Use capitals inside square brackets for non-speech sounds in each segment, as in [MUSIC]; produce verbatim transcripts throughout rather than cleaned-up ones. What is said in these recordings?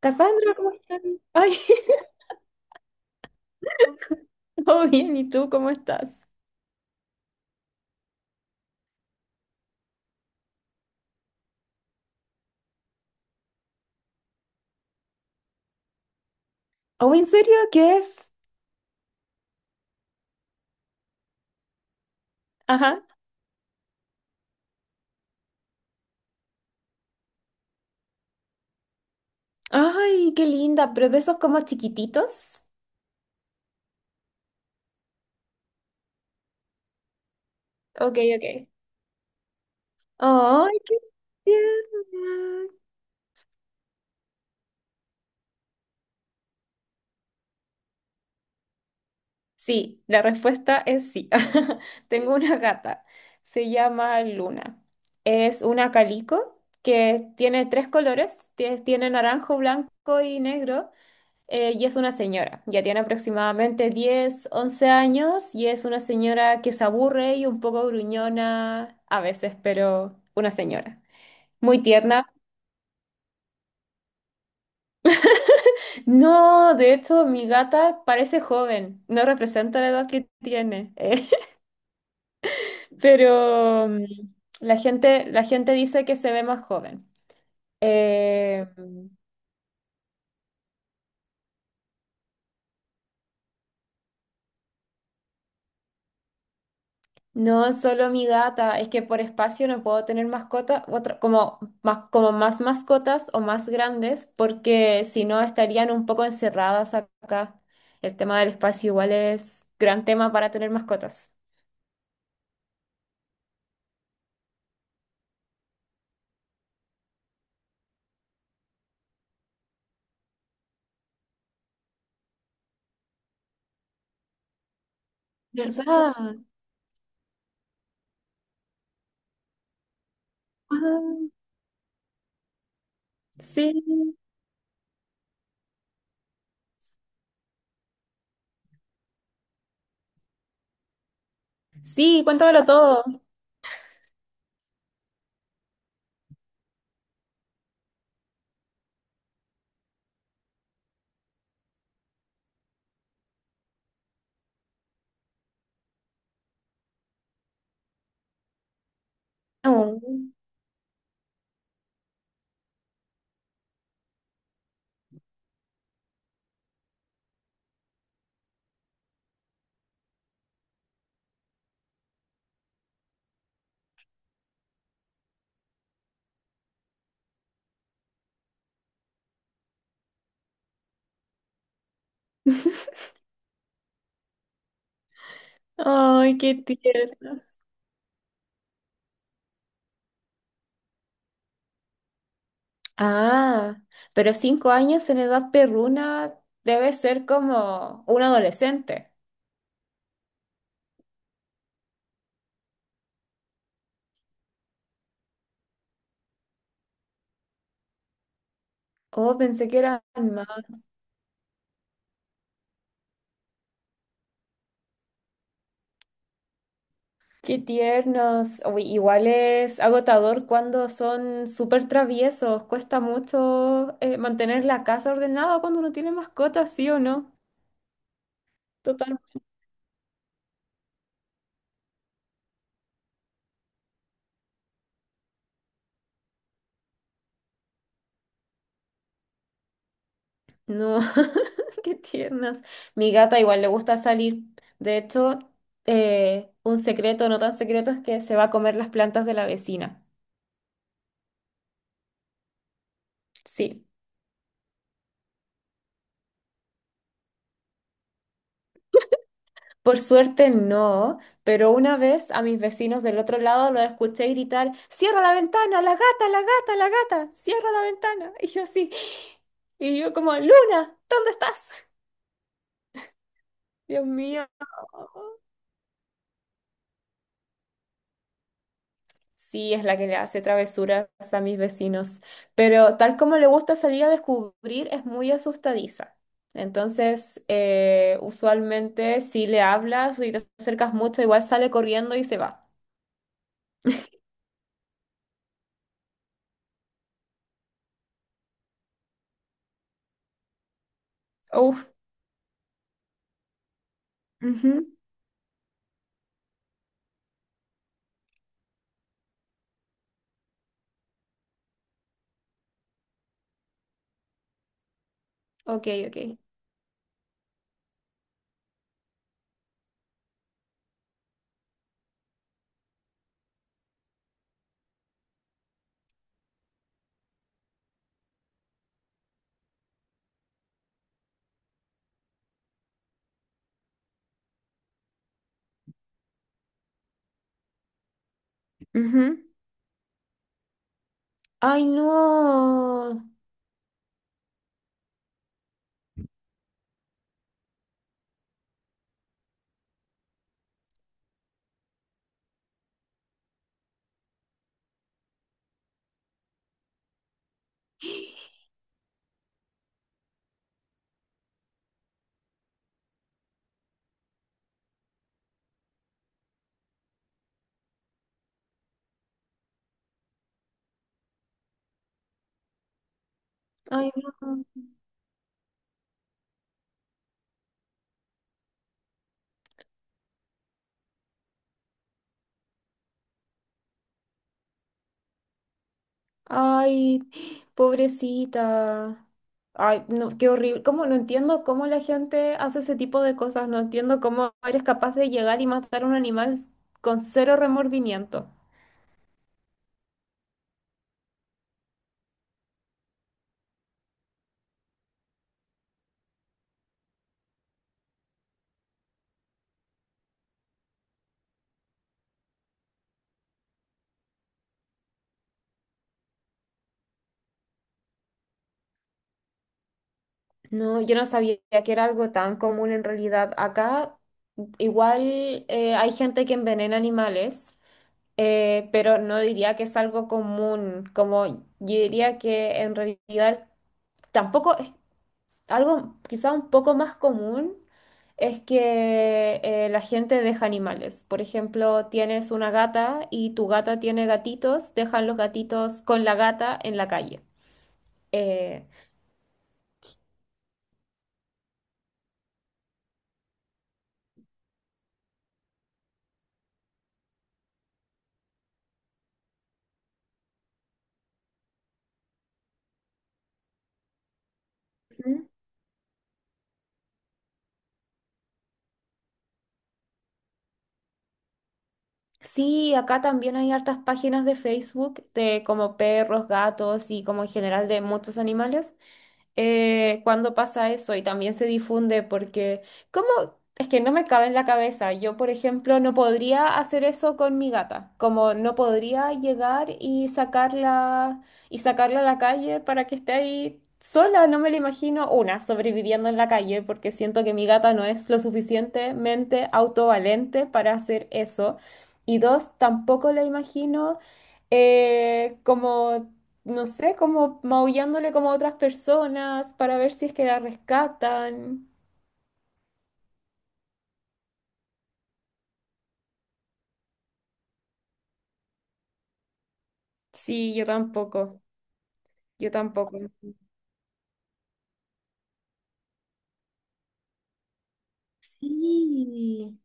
Cassandra, ¿cómo estás? Ay, [LAUGHS] todo bien, ¿y tú cómo estás? Oh, ¿en serio? ¿Qué es? Ajá. Ay, qué linda, pero de esos como chiquititos. Ok, ok. Ay, qué tierna. Sí, la respuesta es sí. [LAUGHS] Tengo una gata, se llama Luna. Es una calico que tiene tres colores, tie- tiene naranjo, blanco y negro. Eh, y es una señora, ya tiene aproximadamente diez, once años y es una señora que se aburre y un poco gruñona a veces, pero una señora. Muy tierna. No, de hecho, mi gata parece joven, no representa la edad que tiene, [LAUGHS] eh, pero mm, la gente, la gente dice que se ve más joven. Eh, No, solo mi gata. Es que por espacio no puedo tener mascota, otra, como, más, como más mascotas o más grandes, porque si no estarían un poco encerradas acá. El tema del espacio igual es gran tema para tener mascotas. ¿Verdad? Ah, ah, sí, sí, cuéntamelo todo. Oh, ay, qué tiernas. Ah, pero cinco años en edad perruna debe ser como un adolescente. Oh, pensé que eran más. Qué tiernos. Uy, igual es agotador cuando son súper traviesos. Cuesta mucho eh, mantener la casa ordenada cuando uno tiene mascotas, ¿sí o no? Total. No, [LAUGHS] qué tiernas. Mi gata igual le gusta salir. De hecho, eh, un secreto, no tan secreto, es que se va a comer las plantas de la vecina. Sí. Por suerte no, pero una vez a mis vecinos del otro lado los escuché gritar, cierra la ventana, la gata, la gata, la gata, cierra la ventana. Y yo así, y yo como, Luna, ¿dónde estás? Dios mío. Sí, es la que le hace travesuras a mis vecinos, pero tal como le gusta salir a descubrir, es muy asustadiza. Entonces, eh, usualmente si le hablas y te acercas mucho, igual sale corriendo y se va. Uf. Ujú. Ok, ok. Ujú. Ay, no. Ay, no. Ay, pobrecita. Ay, no, qué horrible. Cómo no entiendo cómo la gente hace ese tipo de cosas. No entiendo cómo eres capaz de llegar y matar a un animal con cero remordimiento. No, yo no sabía que era algo tan común en realidad. Acá igual eh, hay gente que envenena animales, eh, pero no diría que es algo común. Como yo diría que en realidad tampoco es, algo quizá un poco más común, es que eh, la gente deja animales. Por ejemplo, tienes una gata y tu gata tiene gatitos, dejan los gatitos con la gata en la calle. Eh, ¿Mm? Sí, acá también hay hartas páginas de Facebook de como perros, gatos y como en general de muchos animales, eh, cuando pasa eso y también se difunde porque, ¿cómo? Es que no me cabe en la cabeza. Yo, por ejemplo, no podría hacer eso con mi gata. Como no podría llegar y sacarla y sacarla a la calle para que esté ahí sola. No me la imagino una sobreviviendo en la calle porque siento que mi gata no es lo suficientemente autovalente para hacer eso. Y dos, tampoco la imagino eh, como, no sé, como maullándole como a otras personas para ver si es que la rescatan. Sí, yo tampoco, yo tampoco. Sí,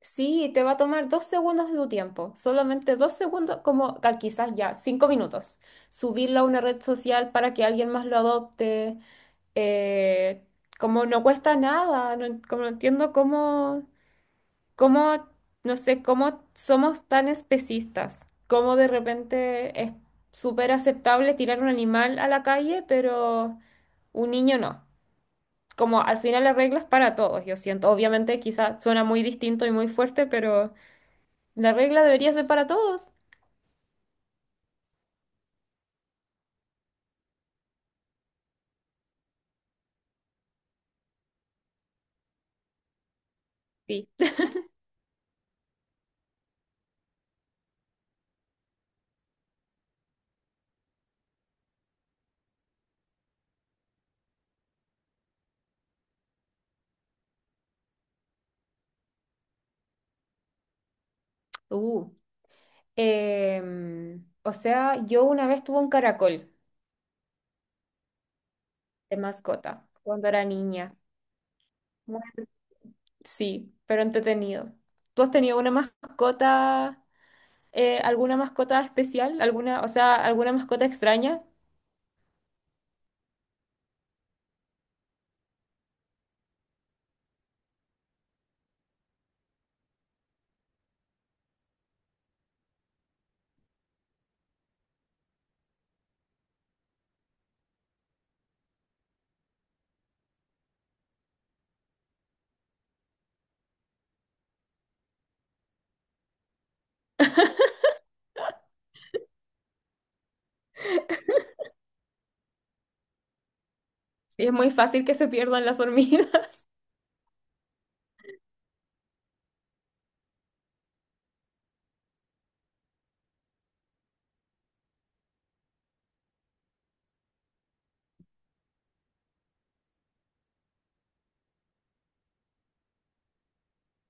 sí, te va a tomar dos segundos de tu tiempo, solamente dos segundos, como ah, quizás ya, cinco minutos. Subirlo a una red social para que alguien más lo adopte. eh, como no cuesta nada, no, en- como no entiendo cómo. Cómo, no sé, cómo somos tan especistas, cómo de repente es súper aceptable tirar un animal a la calle, pero un niño no. Como al final la regla es para todos, yo siento. Obviamente quizás suena muy distinto y muy fuerte, pero la regla debería ser para todos. Sí. Uh, em, o sea, yo una vez tuve un caracol de mascota cuando era niña. Muy- Sí, pero entretenido. ¿Tú has tenido una mascota? eh, alguna mascota especial, alguna, o sea, alguna mascota extraña. Sí, es muy fácil que se pierdan las hormigas. [LAUGHS]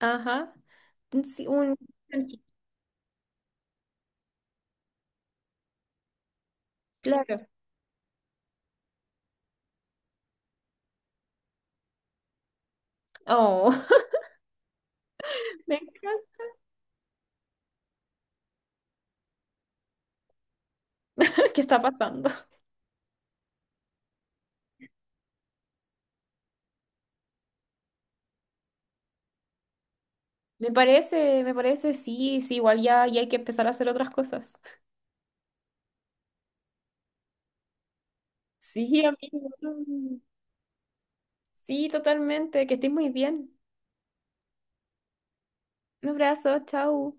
Ajá. Sí, un... Claro. Oh, [LAUGHS] me encanta. [LAUGHS] ¿Qué está pasando? Me parece, me parece, sí, sí, igual ya, ya hay que empezar a hacer otras cosas. Sí, amigo. Sí, totalmente. Que estés muy bien. Un abrazo, chao.